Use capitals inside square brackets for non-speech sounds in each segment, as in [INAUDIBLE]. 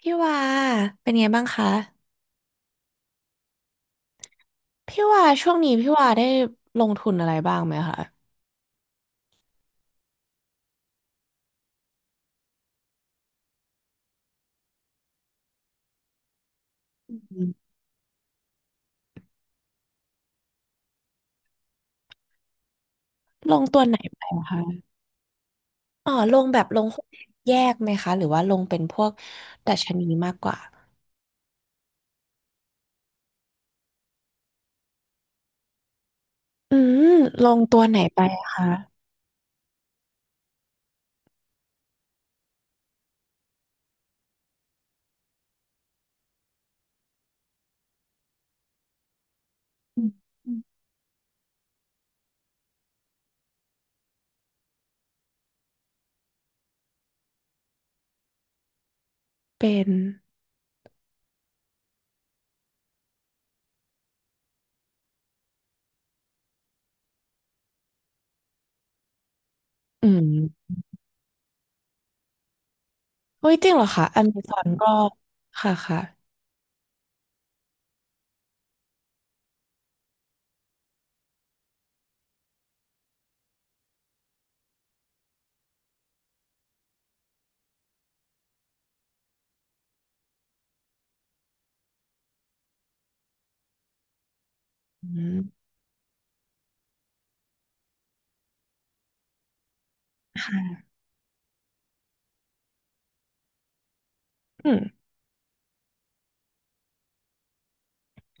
พี่ว่าเป็นไงบ้างคะพี่ว่าช่วงนี้พี่ว่าได้ลงทุนอะไรบ้างไหมคะลงไหนคะอ๋อลงแบบลงหุ้นแยกไหมคะหรือว่าลงเป็นพวกดัชนีมากกว่าอืมลงตัวไหนไปอะคะเป็นอืมเฮ้ยจริงเหรอคะอเมซอนก็ค่ะค่ะอืมค่ะอืม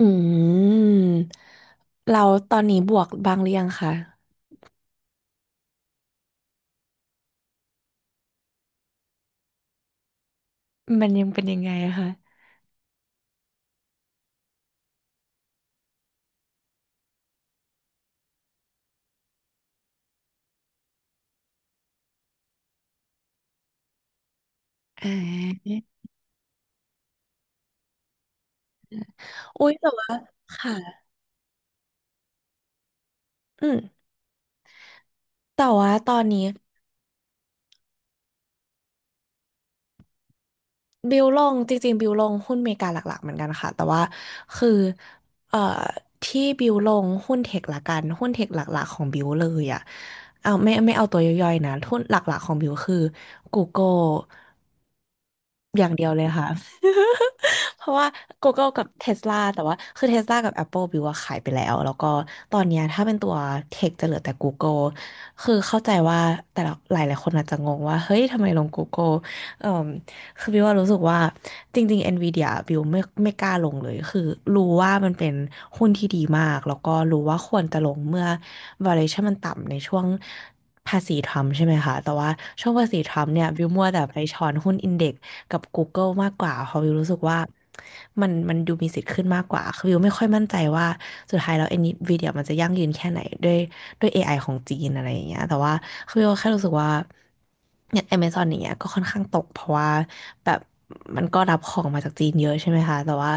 อืมเราตอนนี้บวกบ้างหรือยังคะมันยังเป็นยังไงอะคะอ่าอุ้ยแต่ว่าค่ะอืม แต่ว่าตอนนี้บิวลงจริงๆบิวลงหุ้นอเมริกาหลักๆเหมือนกันค่ะแต่ว่าคือเอ่อที่บิวลงหุ้นเทคละกันหุ้นเทคหลักๆของบิวเลยอ่ะเอาไม่ไม่เอาตัวย่อยๆนะหุ้นหลักๆของบิวคือ Google อย่างเดียวเลยค่ะ [LAUGHS] เพราะว่า Google กับ Tesla แต่ว่าคือ Tesla กับ Apple บิวว่าขายไปแล้วแล้วก็ตอนเนี้ยถ้าเป็นตัวเทคจะเหลือแต่ Google คือเข้าใจว่าแต่ละหลายหลายคนอาจจะงงว่าเฮ้ยทำไมลง Google เอ่มคือบิวว่ารู้สึกว่าจริงๆ Nvidia บิวไม่ไม่กล้าลงเลยคือรู้ว่ามันเป็นหุ้นที่ดีมากแล้วก็รู้ว่าควรจะลงเมื่อ valuation มันต่ำในช่วงภาษีทรัมป์ใช่ไหมคะแต่ว่าช่วงภาษีทรัมป์เนี่ยบิวมัวแต่ไปช้อนหุ้นอินเด็กซ์ กับ Google มากกว่าเพราะวิวรู้สึกว่ามันดูมีสิทธิ์ขึ้นมากกว่าคือวิวไม่ค่อยมั่นใจว่าสุดท้ายแล้ว NVIDIA มันจะยั่งยืนแค่ไหนด้วยด้วย AI ของจีนอะไรอย่างเงี้ยแต่ว่าคือวิวแค่รู้สึกว่าอย่าง Amazon อย่างเงี้ยก็ค่อนข้างตกเพราะว่าแบบมันก็รับของมาจากจีนเยอะใช่ไหมคะแต่ว่า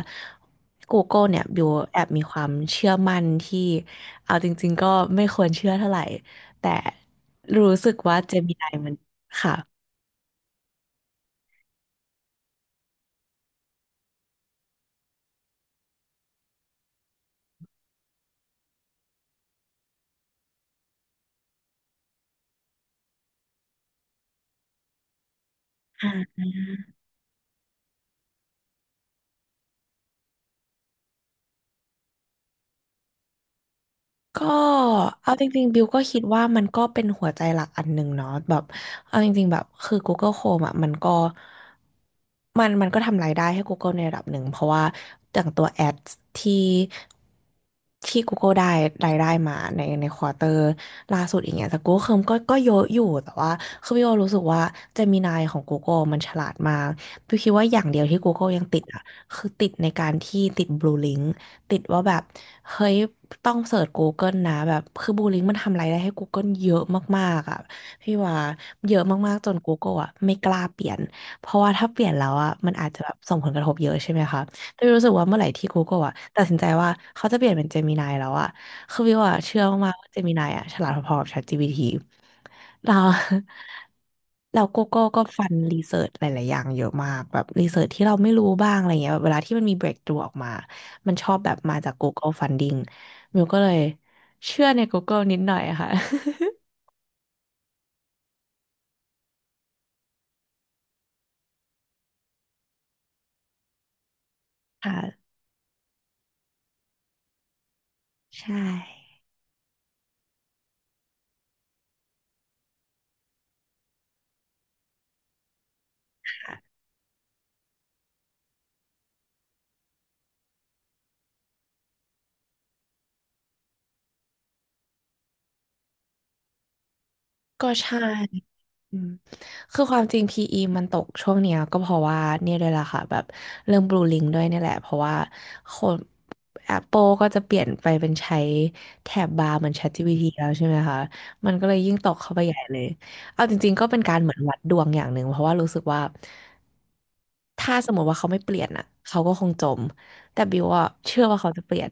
Google เนี่ยบิวแอบมีความเชื่อมั่นที่เอาจริงๆก็ไม่ควรเชื่อเท่าไหร่แต่รู้สึกว่า Gemini มันค่ะ ก็เอาจริงๆบิวก็คิดว่ามันก็เป็นหัวใจหลักอันหนึ่งเนาะแบบเอาจริงๆแบบคือ Google Chrome อ่ะมันก็มันก็ทำรายได้ให้ Google ในระดับหนึ่งเพราะว่าจากตัวแอดที่ที่ Google ได้รายได้มาในควอเตอร์ล่าสุดอย่างเงี้ยแต่ Google Chrome ก็เยอะอยู่แต่ว่าคือบิวรู้สึกว่า Gemini ของ Google มันฉลาดมากบิวคิดว่าอย่างเดียวที่ Google ยังติดอ่ะคือติดในการที่ติด Blue Link ติดว่าแบบเฮ้ยต้องเสิร์ช Google นะแบบคือบูลลิงมันทำรายได้ให้ Google เยอะมากๆอ่ะพี่ว่าเยอะมากๆจน Google อ่ะไม่กล้าเปลี่ยนเพราะว่าถ้าเปลี่ยนแล้วอ่ะมันอาจจะแบบส่งผลกระทบเยอะใช่ไหมคะแต่วิวรู้สึกว่าเมื่อไหร่ที่ Google อ่ะตัดสินใจว่าเขาจะเปลี่ยนเป็น Gemini แล้วอ่ะคือวิวอ่ะเชื่อมากๆว่า Gemini อ่ะฉลาดพอๆกับ ChatGPT เราเราโกโก้ [LAUGHS] ก็ฟันรีเสิร์ชหลายๆอย่างเยอะมากแบบรีเสิร์ชที่เราไม่รู้บ้างอะไรเงี้ยแบบเวลาที่มันมี breakthrough ออกมามันชอบแบบมาจาก Google Funding มิวก็เลยเชื่อใน Google นิดหน่อยอะค่ะ [LAUGHS] ค่ะใช่ก็ใช่ อืมคือความจริง PE มันตกช่วงเนี้ยก็เพราะว่าเนี่ยด้วยล่ะค่ะแบบเรื่องบลูลิงด้วยเนี่ยแหละเพราะว่าคน Apple ก็จะเปลี่ยนไปเป็นใช้แถบบาร์เหมือน ChatGPT แล้วใช่ไหมคะมันก็เลยยิ่งตกเข้าไปใหญ่เลยเอาจริงๆก็เป็นการเหมือนวัดดวงอย่างหนึ่งเพราะว่ารู้สึกว่าถ้าสมมติว่าเขาไม่เปลี่ยนอ่ะเขาก็คงจมแต่บิวอะเชื่อว่าเขาจะเปลี่ยน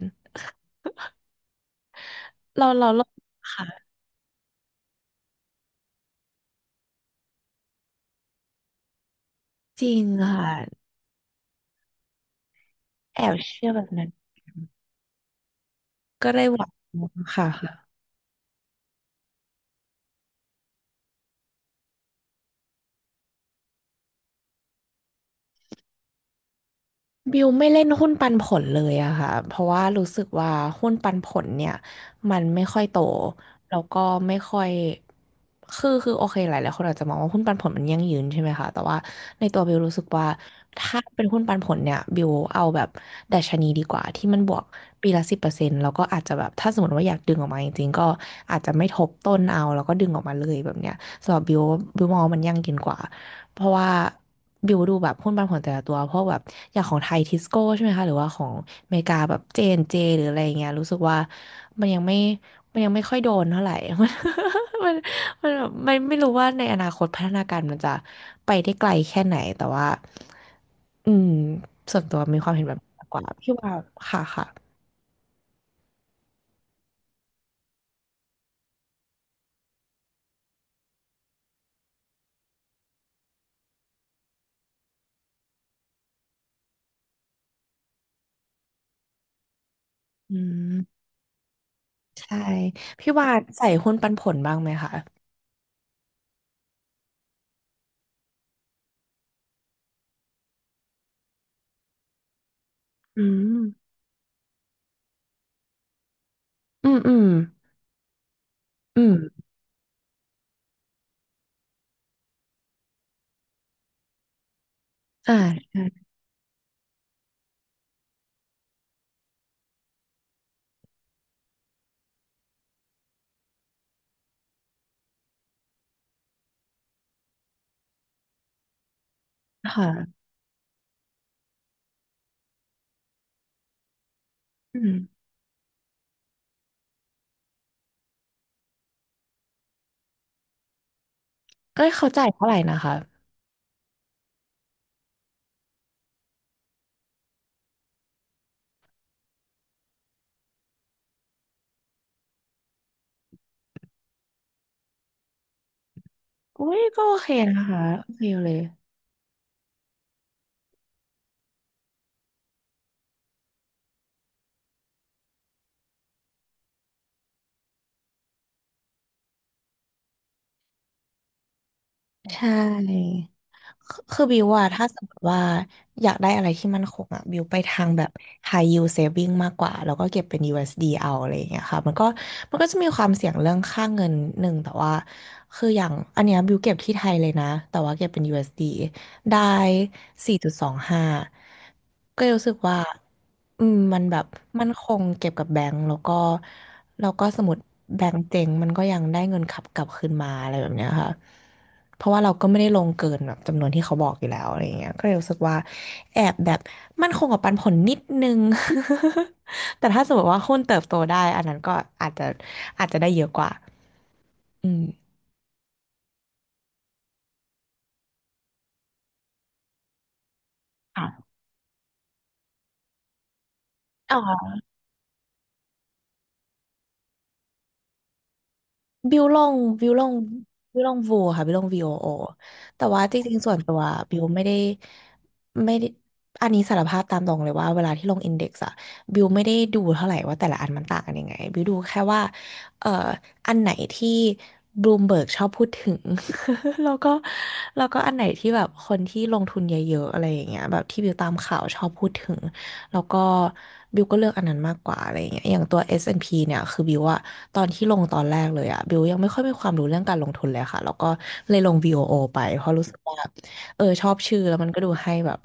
เราโลกค่ะจริงค่ะแอบเชื่อแบบนั้นก็ได้หวังค่ะ บิวไม่เล่นหุ้นปันผลเลยอะค่ะเพราะว่ารู้สึกว่าหุ้นปันผลเนี่ยมันไม่ค่อยโตแล้วก็ไม่ค่อยคือโอเคหลายหลายคนอาจจะมองว่าหุ้นปันผลมันยั่งยืนใช่ไหมคะแต่ว่าในตัวบิวรู้สึกว่าถ้าเป็นหุ้นปันผลเนี่ยบิวเอาแบบดัชนีดีกว่าที่มันบวกปีละ10%แล้วก็อาจจะแบบถ้าสมมติว่าอยากดึงออกมาจริงๆก็อาจจะไม่ทบต้นเอาแล้วก็ดึงออกมาเลยแบบเนี้ยสำหรับบิวบิวมองว่ามันยั่งยืนกว่า เพราะว่าบิวดูแบบหุ้นปันผลแต่ละตัวเพราะแบบอย่างของไทยทิสโก้ใช่ไหมคะหรือว่าของอเมริกาแบบเจนเจหรืออะไรเงี้ยรู้สึกว่ามันยังไม่มันยังไม่ค่อยโดนเท่าไหร่ [LAUGHS] มันมันแบบมันไม่รู้ว่าในอนาคตพัฒนาการมันจะไปได้ไกลแค่ไหนแต่ว่าอืมส่วนตัวมีความเห็นแบบนี้มากกว่าพี่ว่าค่ะค่ะอืมใช่พี่ว่าใส่หุ้นปันผลบ้างไหมคะอืมอืมอืมอืมอ่าใช่ค่ะอืม เอ้ยเขาจ่ายเท่าไหร่นะคะ อุ้ยก็โอเคนะคะโอเคเลย ใช่คือบิวว่าถ้าสมมติว่าอยากได้อะไรที่มันคงอ่ะบิวไปทางแบบ high yield saving มากกว่า แล้วก็เก็บเป็น USD เอสดีเอาอะไรอย่างเงี้ยค่ะมันก็จะมีความเสี่ยงเรื่องค่าเงินหนึ่งแต่ว่า คืออย่างอันเนี้ยบิวเก็บที่ไทยเลยนะ แต่ว่าเก็บเป็น USD ได้4.25ก็เลยรู้สึกว่าอืมมันแบบ มันคงเก็บกับแบงก์แล้วก็สมมติแบงก์เจ๊งมันก็ยังได้เงินขับกลับคืนมาอะไรแบบเนี้ยค่ะเพราะว่าเราก็ไม่ได้ลงเกินแบบจำนวนที่เขาบอกอยู่แล้วอะไรอย่างเงี้ยก็เลยรู้สึกว่าแอบแบบมันคงกับปันผลนิดนึง [LAUGHS] แต่ถ้าสมมติว่าหุ้นเติบโตได้อันนั้นก็อาจจะอาจจะได้เยอะกว่าอืมค่ะ บิวลงบิวลงบิวลงวูค่ะบิวลงวีโอโอแต่ว่าจริงๆส่วนตัวบิวไม่ได้อันนี้สารภาพตามตรงเลยว่าเวลาที่ลงอินเด็กซ์อะบิวไม่ได้ดูเท่าไหร่ว่าแต่ละอันมันต่างกันยังไงบิวดูแค่ว่าเอ่ออันไหนที่บลูมเบิร์กชอบพูดถึง [LAUGHS] แล้วก็แล้วก็อันไหนที่แบบคนที่ลงทุนเยอะๆอะไรอย่างเงี้ยแบบที่บิวตามข่าวชอบพูดถึง แล้วก็บิวก็เลือกอันนั้นมากกว่าอะไรอย่างเงี้ยอย่างตัว S&P เนี่ยคือบิวอะตอนที่ลงตอนแรกเลยอะบิวยังไม่ค่อยมีความรู้เรื่องการลงทุนเลยค่ะแล้วก็เลยลง VOO ไปเพราะรู้สึกว่าเออชอบชื่อแล้วมันก็ดูให้แบบ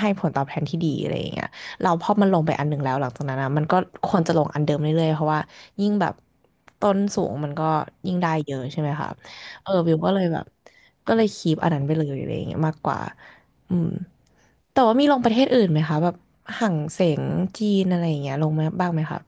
ให้ผลตอบแทนที่ดีอะไรอย่างเงี้ยเราพอมันลงไปอันหนึ่งแล้วหลังจากนั้นอะมันก็ควรจะลงอันเดิมเรื่อยๆเพราะว่ายิ่งแบบต้นสูงมันก็ยิ่งได้เยอะใช่ไหมคะเออบิวก็เลยแบบก็เลยคีปอันนั้นไปเลยอะไรอย่างเงี้ยมากกว่า อืมแต่ว่ามีลงประเทศอื่นไหมคะแบบหั่งเสงจีนอะไรอย่างเงี้ยลงไหมบ้างไหมคะ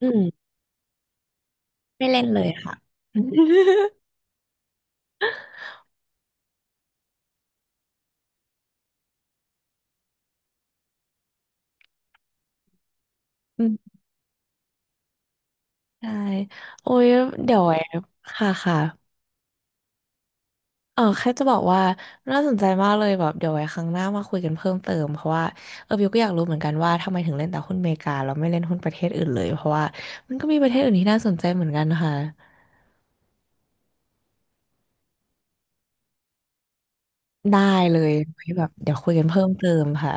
อืมไม่เล่นเลยค่ะ [LAUGHS] อืมใช่โอ้ยเดี๋ยวไว้ค่ะค่ะเออแค่จะบอกว่าน่าสนใจมากเลยแบบเดี๋ยวไว้ครั้งหน้ามาคุยกันเพิ่มเติมเพราะว่าเออบิวก็อยากรู้เหมือนกันว่าทำไมถึงเล่นแต่หุ้นอเมริกาแล้วไม่เล่นหุ้นประเทศอื่นเลยเพราะว่ามันก็มีประเทศอื่นที่น่าสนใจเหมือนกันค่ะได้เลยไว้แบบเดี๋ยวคุยกันเพิ่มเติมค่ะ